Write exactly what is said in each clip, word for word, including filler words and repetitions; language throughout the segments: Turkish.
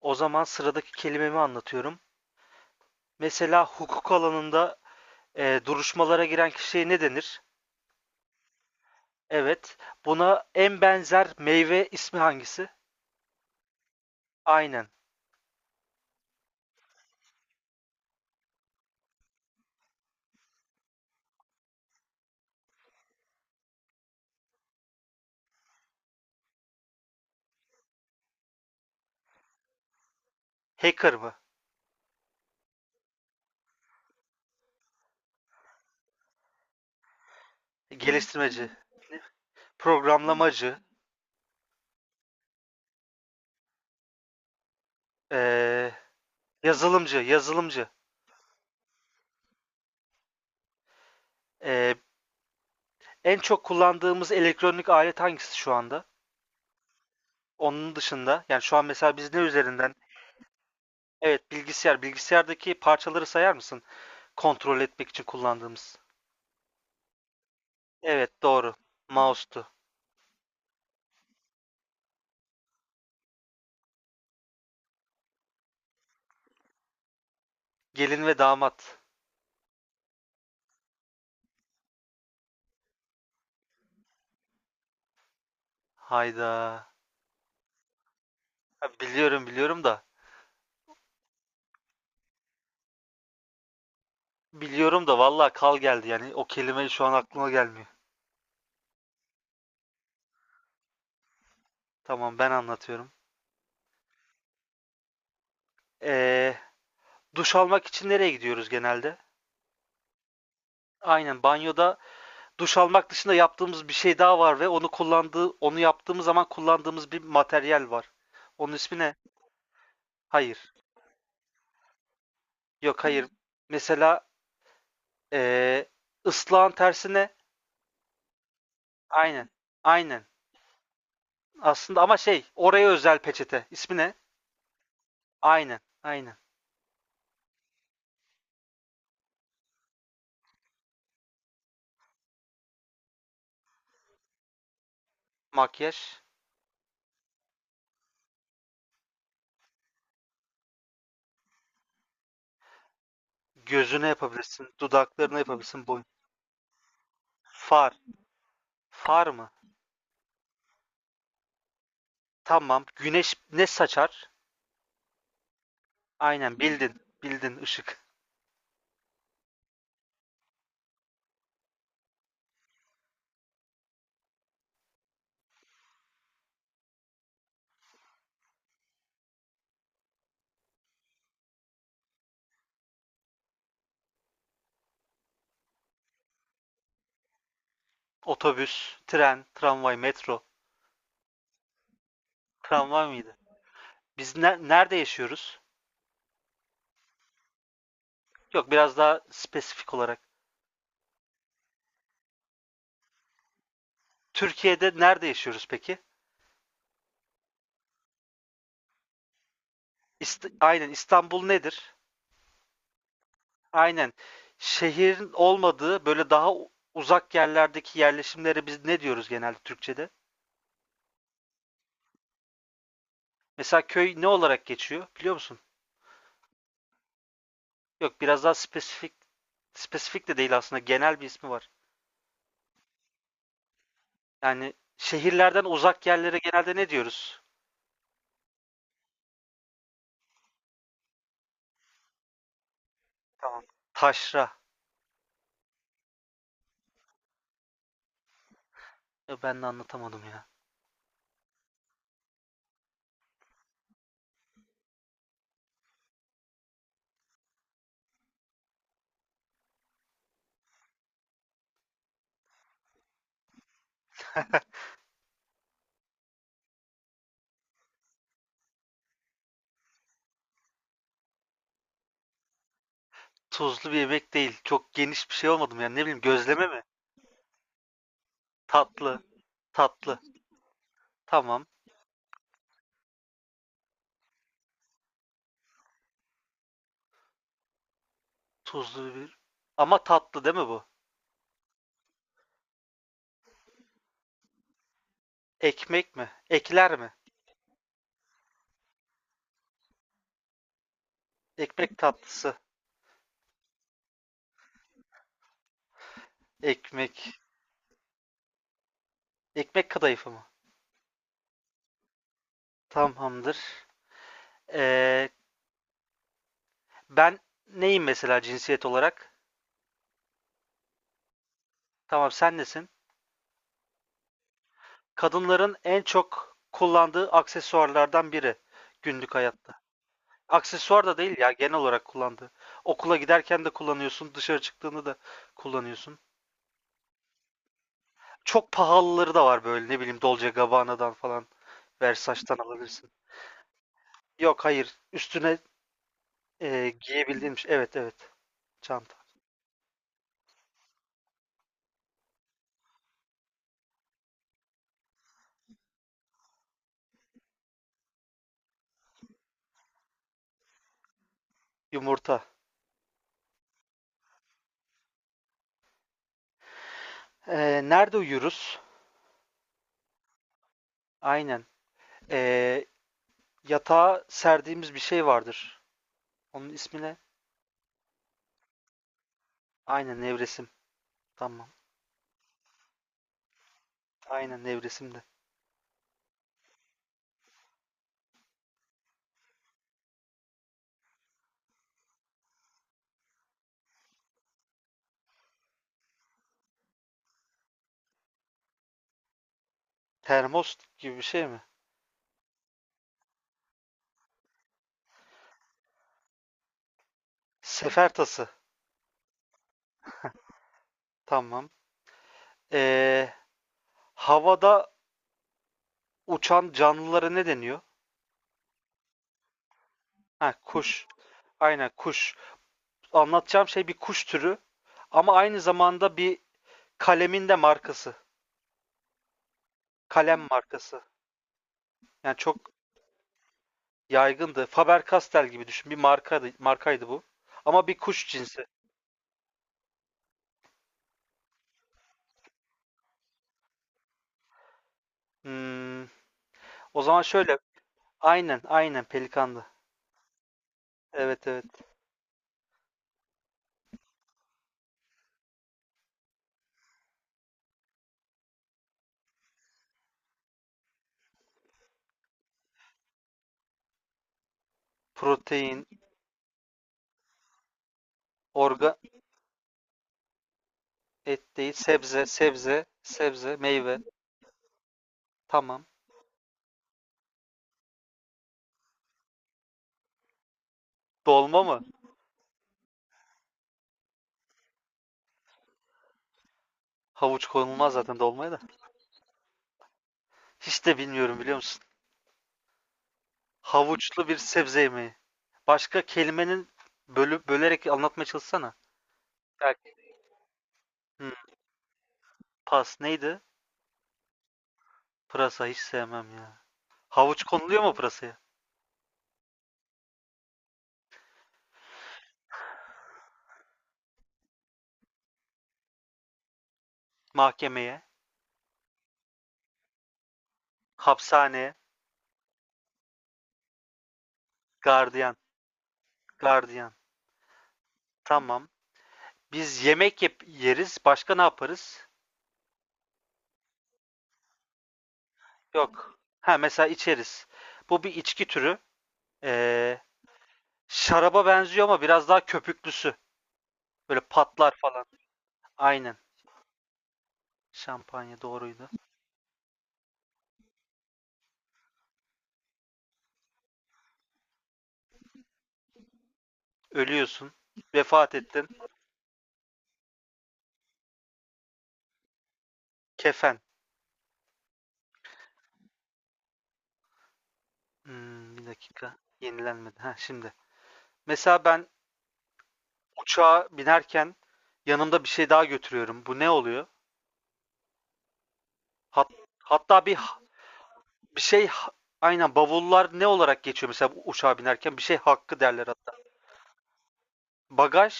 O zaman sıradaki kelimemi anlatıyorum. Mesela hukuk alanında e, duruşmalara giren kişiye ne denir? Evet. Buna en benzer meyve ismi hangisi? Aynen. Hacker mı? Geliştirmeci. Programlamacı. e, yazılımcı. Yazılımcı. E, En çok kullandığımız elektronik alet hangisi şu anda? Onun dışında yani şu an mesela biz ne üzerinden? Evet, bilgisayar. Bilgisayardaki parçaları sayar mısın? Kontrol etmek için kullandığımız. Evet, doğru. Mouse'tu. Gelin ve damat. Hayda. Ha, Biliyorum biliyorum da. Biliyorum da vallahi kal geldi yani o kelime şu an aklıma gelmiyor. Tamam, ben anlatıyorum. Ee, Duş almak için nereye gidiyoruz genelde? Aynen, banyoda duş almak dışında yaptığımız bir şey daha var ve onu kullandığı onu yaptığımız zaman kullandığımız bir materyal var. Onun ismi ne? Hayır. Yok, hayır. Mesela ee, ıslağın tersi ne? Aynen. Aynen. Aslında ama şey, oraya özel peçete. İsmi ne? Aynen. Aynen. Makyaj gözüne yapabilirsin, dudaklarına yapabilirsin, boyun. Far. Far mı? Tamam. Güneş ne saçar? Aynen, bildin. Bildin, ışık. Otobüs, tren, tramvay, metro. Tramvay mıydı? Biz ne- nerede yaşıyoruz? Yok, biraz daha spesifik olarak. Türkiye'de nerede yaşıyoruz peki? İst- Aynen, İstanbul nedir? Aynen. Şehrin olmadığı böyle daha u- uzak yerlerdeki yerleşimlere biz ne diyoruz genelde Türkçe'de? Mesela köy ne olarak geçiyor biliyor musun? Yok, biraz daha spesifik. Spesifik de değil aslında, genel bir ismi var. Yani şehirlerden uzak yerlere genelde ne diyoruz? Tamam. Taşra. Ya ben de anlatamadım ya. Tuzlu bir yemek değil. Çok geniş bir şey olmadım yani, ne bileyim, gözleme mi? Tatlı. Tatlı. Tamam. Tuzlu bir. Ama tatlı değil mi bu? Ekmek mi? Ekler mi? Ekmek tatlısı. Ekmek. Ekmek kadayıfı mı? Tamamdır. Ee, Ben neyim mesela cinsiyet olarak? Tamam, sen nesin? Kadınların en çok kullandığı aksesuarlardan biri günlük hayatta. Aksesuar da değil ya, genel olarak kullandığı. Okula giderken de kullanıyorsun, dışarı çıktığında da kullanıyorsun. Çok pahalıları da var, böyle ne bileyim, Dolce Gabbana'dan falan Versace'tan alabilirsin. Yok, hayır, üstüne e, giyebildiğin bir şey. Evet, evet, çanta. Yumurta. E, nerede uyuruz? Aynen. E, Yatağa serdiğimiz bir şey vardır. Onun ismi ne? Aynen, nevresim. Tamam. Aynen, nevresim de. Termos gibi bir şey mi? Sefer tası. Tamam. Ee, Havada uçan canlılara ne deniyor? Ha, kuş. Aynen, kuş. Anlatacağım şey bir kuş türü ama aynı zamanda bir kalemin de markası. Kalem markası. Yani çok yaygındı. Faber-Castell gibi düşün. Bir markaydı, markaydı bu. Ama bir kuş cinsi. Hmm, O zaman şöyle. Aynen, aynen pelikandı. Evet, evet. Protein, organ, et değil, sebze, sebze, sebze, meyve. Tamam. Dolma mı? Havuç konulmaz zaten dolmaya da. Hiç de bilmiyorum, biliyor musun? Havuçlu bir sebze yemeği. Başka kelimenin bölüp bölerek anlatmaya çalışsana. Belki. Hmm, Pas neydi? Pırasa hiç sevmem ya. Havuç konuluyor mu pırasaya? Mahkemeye, hapishaneye, gardiyan, gardiyan. Tamam. Biz yemek yap- yeriz. Başka ne yaparız? Yok. Ha, mesela içeriz. Bu bir içki türü. Ee, Şaraba benziyor ama biraz daha köpüklüsü. Böyle patlar falan. Aynen. Şampanya doğruydu. Ölüyorsun. Vefat ettin. Kefen. Hmm, bir dakika. Yenilenmedi. Ha şimdi. Mesela ben uçağa binerken yanımda bir şey daha götürüyorum. Bu ne oluyor? Hat- Hatta bir bir şey, aynen, bavullar ne olarak geçiyor mesela uçağa binerken, bir şey hakkı derler hatta. Bagaj,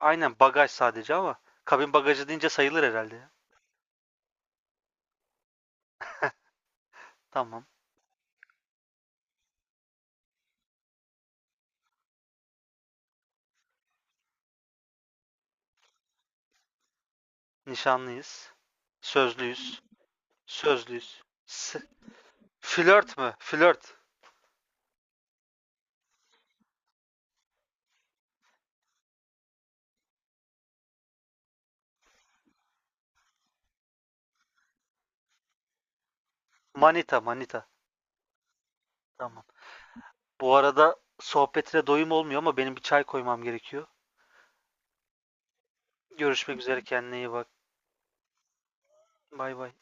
aynen bagaj sadece ama kabin bagajı deyince sayılır herhalde ya. Tamam. Nişanlıyız. Sözlüyüz. Sözlüyüz. S- flört mü? Flört. Manita, manita. Tamam. Bu arada sohbetine doyum olmuyor ama benim bir çay koymam gerekiyor. Görüşmek üzere, kendine iyi bak. Bay bay.